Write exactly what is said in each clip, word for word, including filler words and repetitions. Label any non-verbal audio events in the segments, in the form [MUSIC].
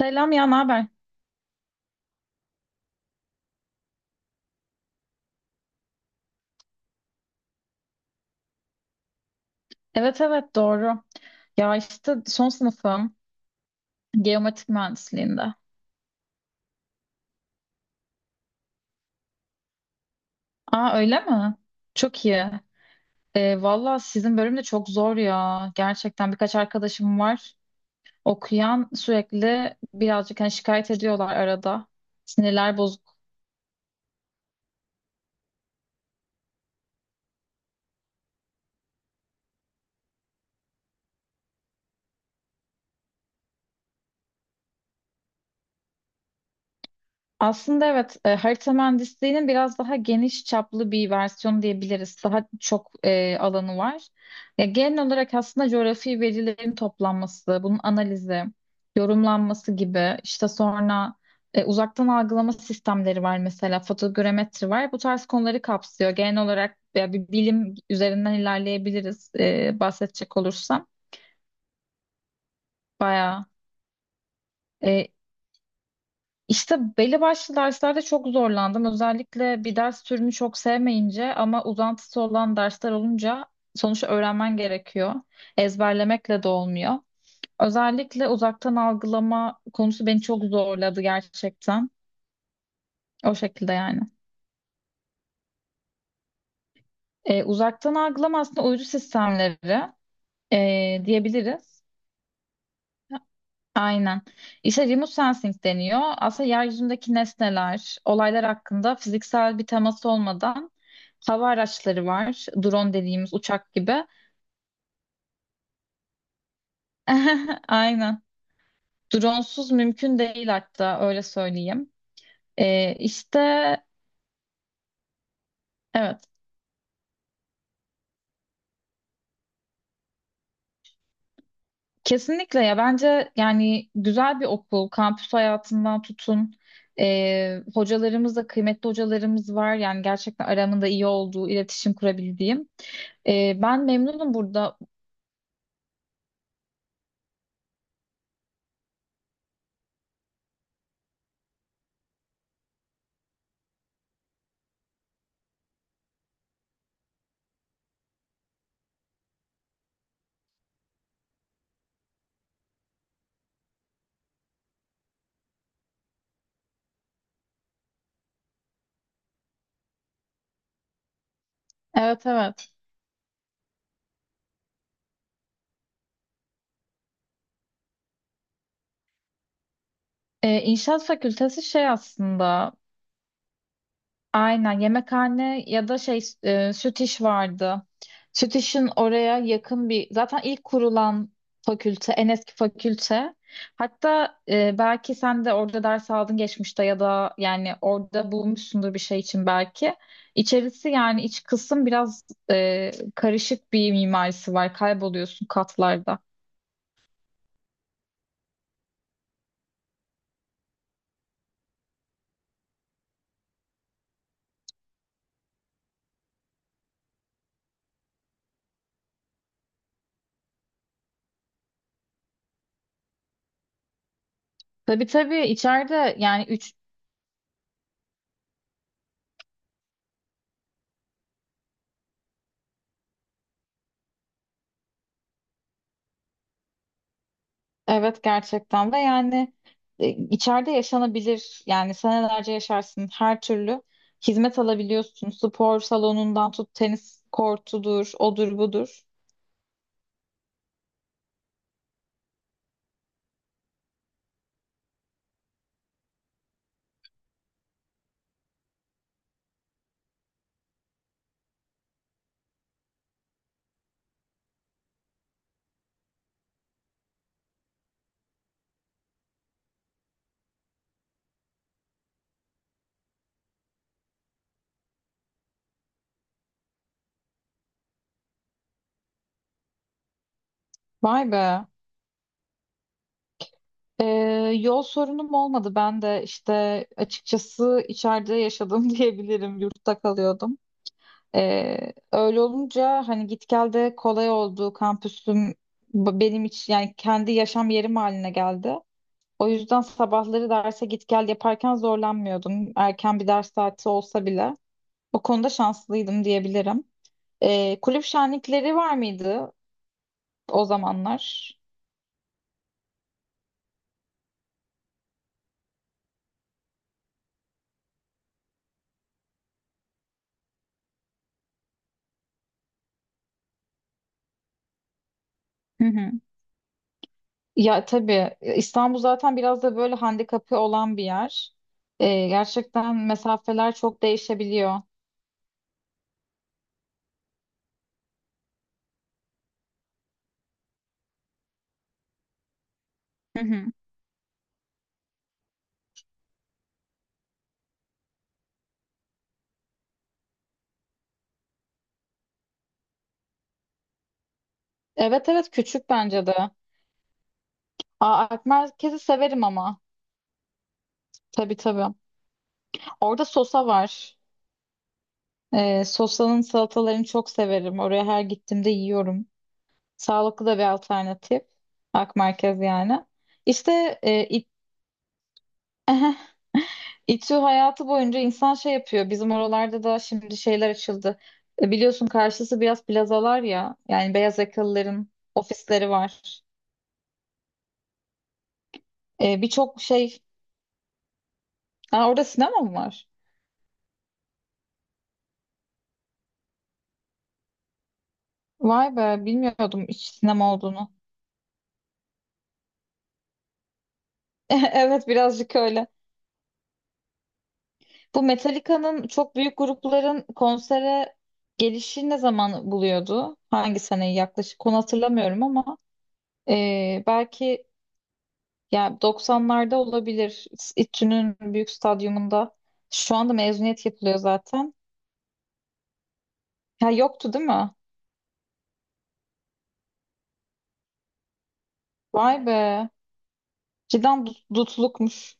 Selam ya, ne haber? Evet, evet, doğru. Ya işte son sınıfım geometrik mühendisliğinde. Aa, öyle mi? Çok iyi. Ee, valla sizin bölüm de çok zor ya. Gerçekten birkaç arkadaşım var. Okuyan sürekli birazcık hani şikayet ediyorlar arada. Sinirler bozuk. Aslında evet, e, harita mühendisliğinin biraz daha geniş çaplı bir versiyonu diyebiliriz. Daha çok e, alanı var. Ya, genel olarak aslında coğrafi verilerin toplanması, bunun analizi, yorumlanması gibi. İşte sonra e, uzaktan algılama sistemleri var, mesela fotogrametri var. Bu tarz konuları kapsıyor. Genel olarak ya, bir bilim üzerinden ilerleyebiliriz e, bahsedecek olursam. Bayağı. e, İşte belli başlı derslerde çok zorlandım. Özellikle bir ders türünü çok sevmeyince ama uzantısı olan dersler olunca sonuçta öğrenmen gerekiyor. Ezberlemekle de olmuyor. Özellikle uzaktan algılama konusu beni çok zorladı gerçekten. O şekilde yani. Ee, uzaktan algılama aslında uydu sistemleri, ee, diyebiliriz. Aynen. İşte remote sensing deniyor. Aslında yeryüzündeki nesneler, olaylar hakkında fiziksel bir temas olmadan hava araçları var. Drone dediğimiz, uçak gibi. [LAUGHS] Aynen. Dronesuz mümkün değil, hatta öyle söyleyeyim. Ee, işte evet. Kesinlikle ya, bence yani güzel bir okul, kampüs hayatından tutun. Ee, hocalarımız da kıymetli, hocalarımız var. Yani gerçekten aramında iyi olduğu, iletişim kurabildiğim. Ee, ben memnunum burada. Evet, evet. Ee, İnşaat fakültesi şey aslında, aynen yemekhane ya da şey, e, süt iş vardı. Süt işin oraya yakın bir, zaten ilk kurulan fakülte, en eski fakülte. Hatta e, belki sen de orada ders aldın geçmişte ya da yani orada bulmuşsundur bir şey için belki. İçerisi yani iç kısım biraz e, karışık bir mimarisi var, kayboluyorsun katlarda. Tabii, tabii, içeride yani. Evet, gerçekten. Ve yani e, içeride yaşanabilir, yani senelerce yaşarsın, her türlü hizmet alabiliyorsun, spor salonundan tut, tenis kortudur, odur, budur. Vay be. Ee, Yol sorunum olmadı, ben de işte açıkçası içeride yaşadım [LAUGHS] diyebilirim, yurtta kalıyordum. Ee, öyle olunca hani git gel de kolay oldu, kampüsüm b- benim için yani kendi yaşam yerim haline geldi. O yüzden sabahları derse git gel yaparken zorlanmıyordum. Erken bir ders saati olsa bile. O konuda şanslıydım diyebilirim. Ee, kulüp şenlikleri var mıydı o zamanlar? Hı hı. Ya tabii, İstanbul zaten biraz da böyle handikapı olan bir yer. Ee, gerçekten mesafeler çok değişebiliyor. Hı hı. Evet, evet, küçük bence de. Aa, Alp merkezi severim ama. Tabii, tabii. Orada sosa var. Ee, sosanın salatalarını çok severim. Oraya her gittiğimde yiyorum. Sağlıklı da bir alternatif. Ak merkez yani. İşte e, İ- [LAUGHS] İTÜ hayatı boyunca insan şey yapıyor. Bizim oralarda da şimdi şeyler açıldı. E, biliyorsun karşısı biraz plazalar ya. Yani beyaz yakalıların ofisleri var. E, birçok şey. Ha, orada sinema mı var? Vay be, bilmiyordum hiç sinema olduğunu. [LAUGHS] Evet, birazcık öyle. Bu Metallica'nın, çok büyük grupların konsere gelişi ne zaman buluyordu? Hangi seneyi yaklaşık? Onu hatırlamıyorum ama e, belki ya doksanlarda olabilir. İTÜ'nün büyük stadyumunda. Şu anda mezuniyet yapılıyor zaten. Ya yoktu değil mi? Vay be. Cidden dut- dutlukmuş.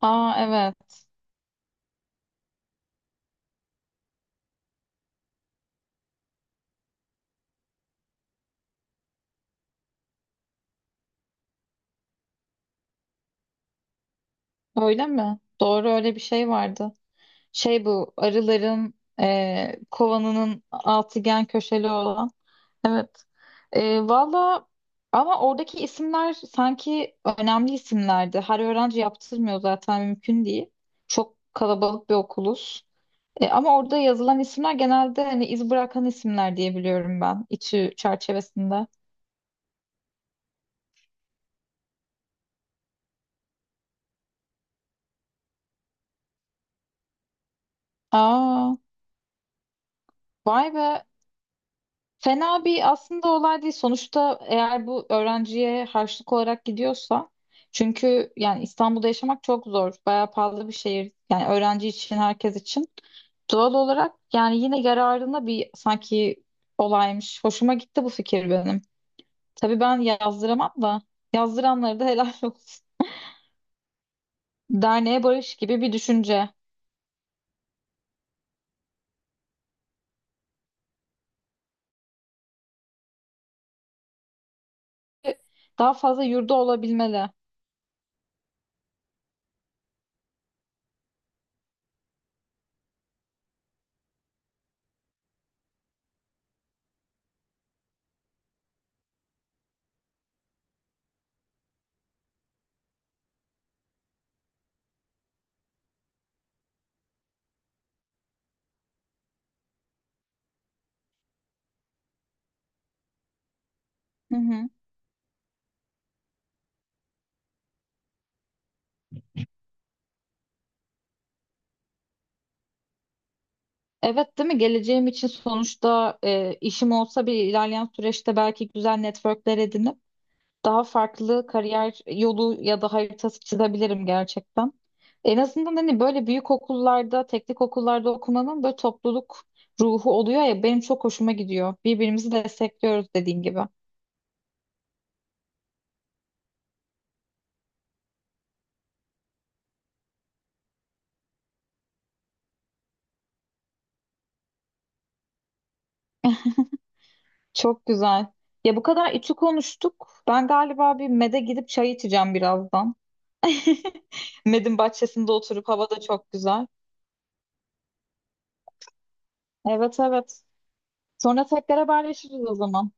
Aa, evet. Öyle mi? Doğru, öyle bir şey vardı. Şey, bu arıların e, kovanının altıgen köşeli olan. Evet. Ee, valla, ama oradaki isimler sanki önemli isimlerdi. Her öğrenci yaptırmıyor, zaten mümkün değil. Çok kalabalık bir okuluz. Ee, ama orada yazılan isimler genelde hani iz bırakan isimler diye biliyorum ben. İTÜ çerçevesinde. Aa, vay be. Fena bir aslında olay değil. Sonuçta eğer bu öğrenciye harçlık olarak gidiyorsa, çünkü yani İstanbul'da yaşamak çok zor. Bayağı pahalı bir şehir. Yani öğrenci için, herkes için. Doğal olarak yani yine yararına bir sanki olaymış. Hoşuma gitti bu fikir benim. Tabii ben yazdıramam da, yazdıranlara da [LAUGHS] helal olsun. Derneğe barış gibi bir düşünce. Daha fazla yurdu olabilmeli. Hı hı. Evet, değil mi? Geleceğim için sonuçta e, işim olsa bir ilerleyen süreçte belki güzel networkler edinip daha farklı kariyer yolu ya da haritası çizebilirim gerçekten. En azından hani böyle büyük okullarda, teknik okullarda okumanın böyle topluluk ruhu oluyor ya, benim çok hoşuma gidiyor. Birbirimizi destekliyoruz, dediğin gibi. Çok güzel. Ya bu kadar içi konuştuk. Ben galiba bir mede gidip çay içeceğim birazdan. [LAUGHS] Medin bahçesinde oturup, hava da çok güzel. Evet, evet. Sonra tekrar haberleşiriz o zaman.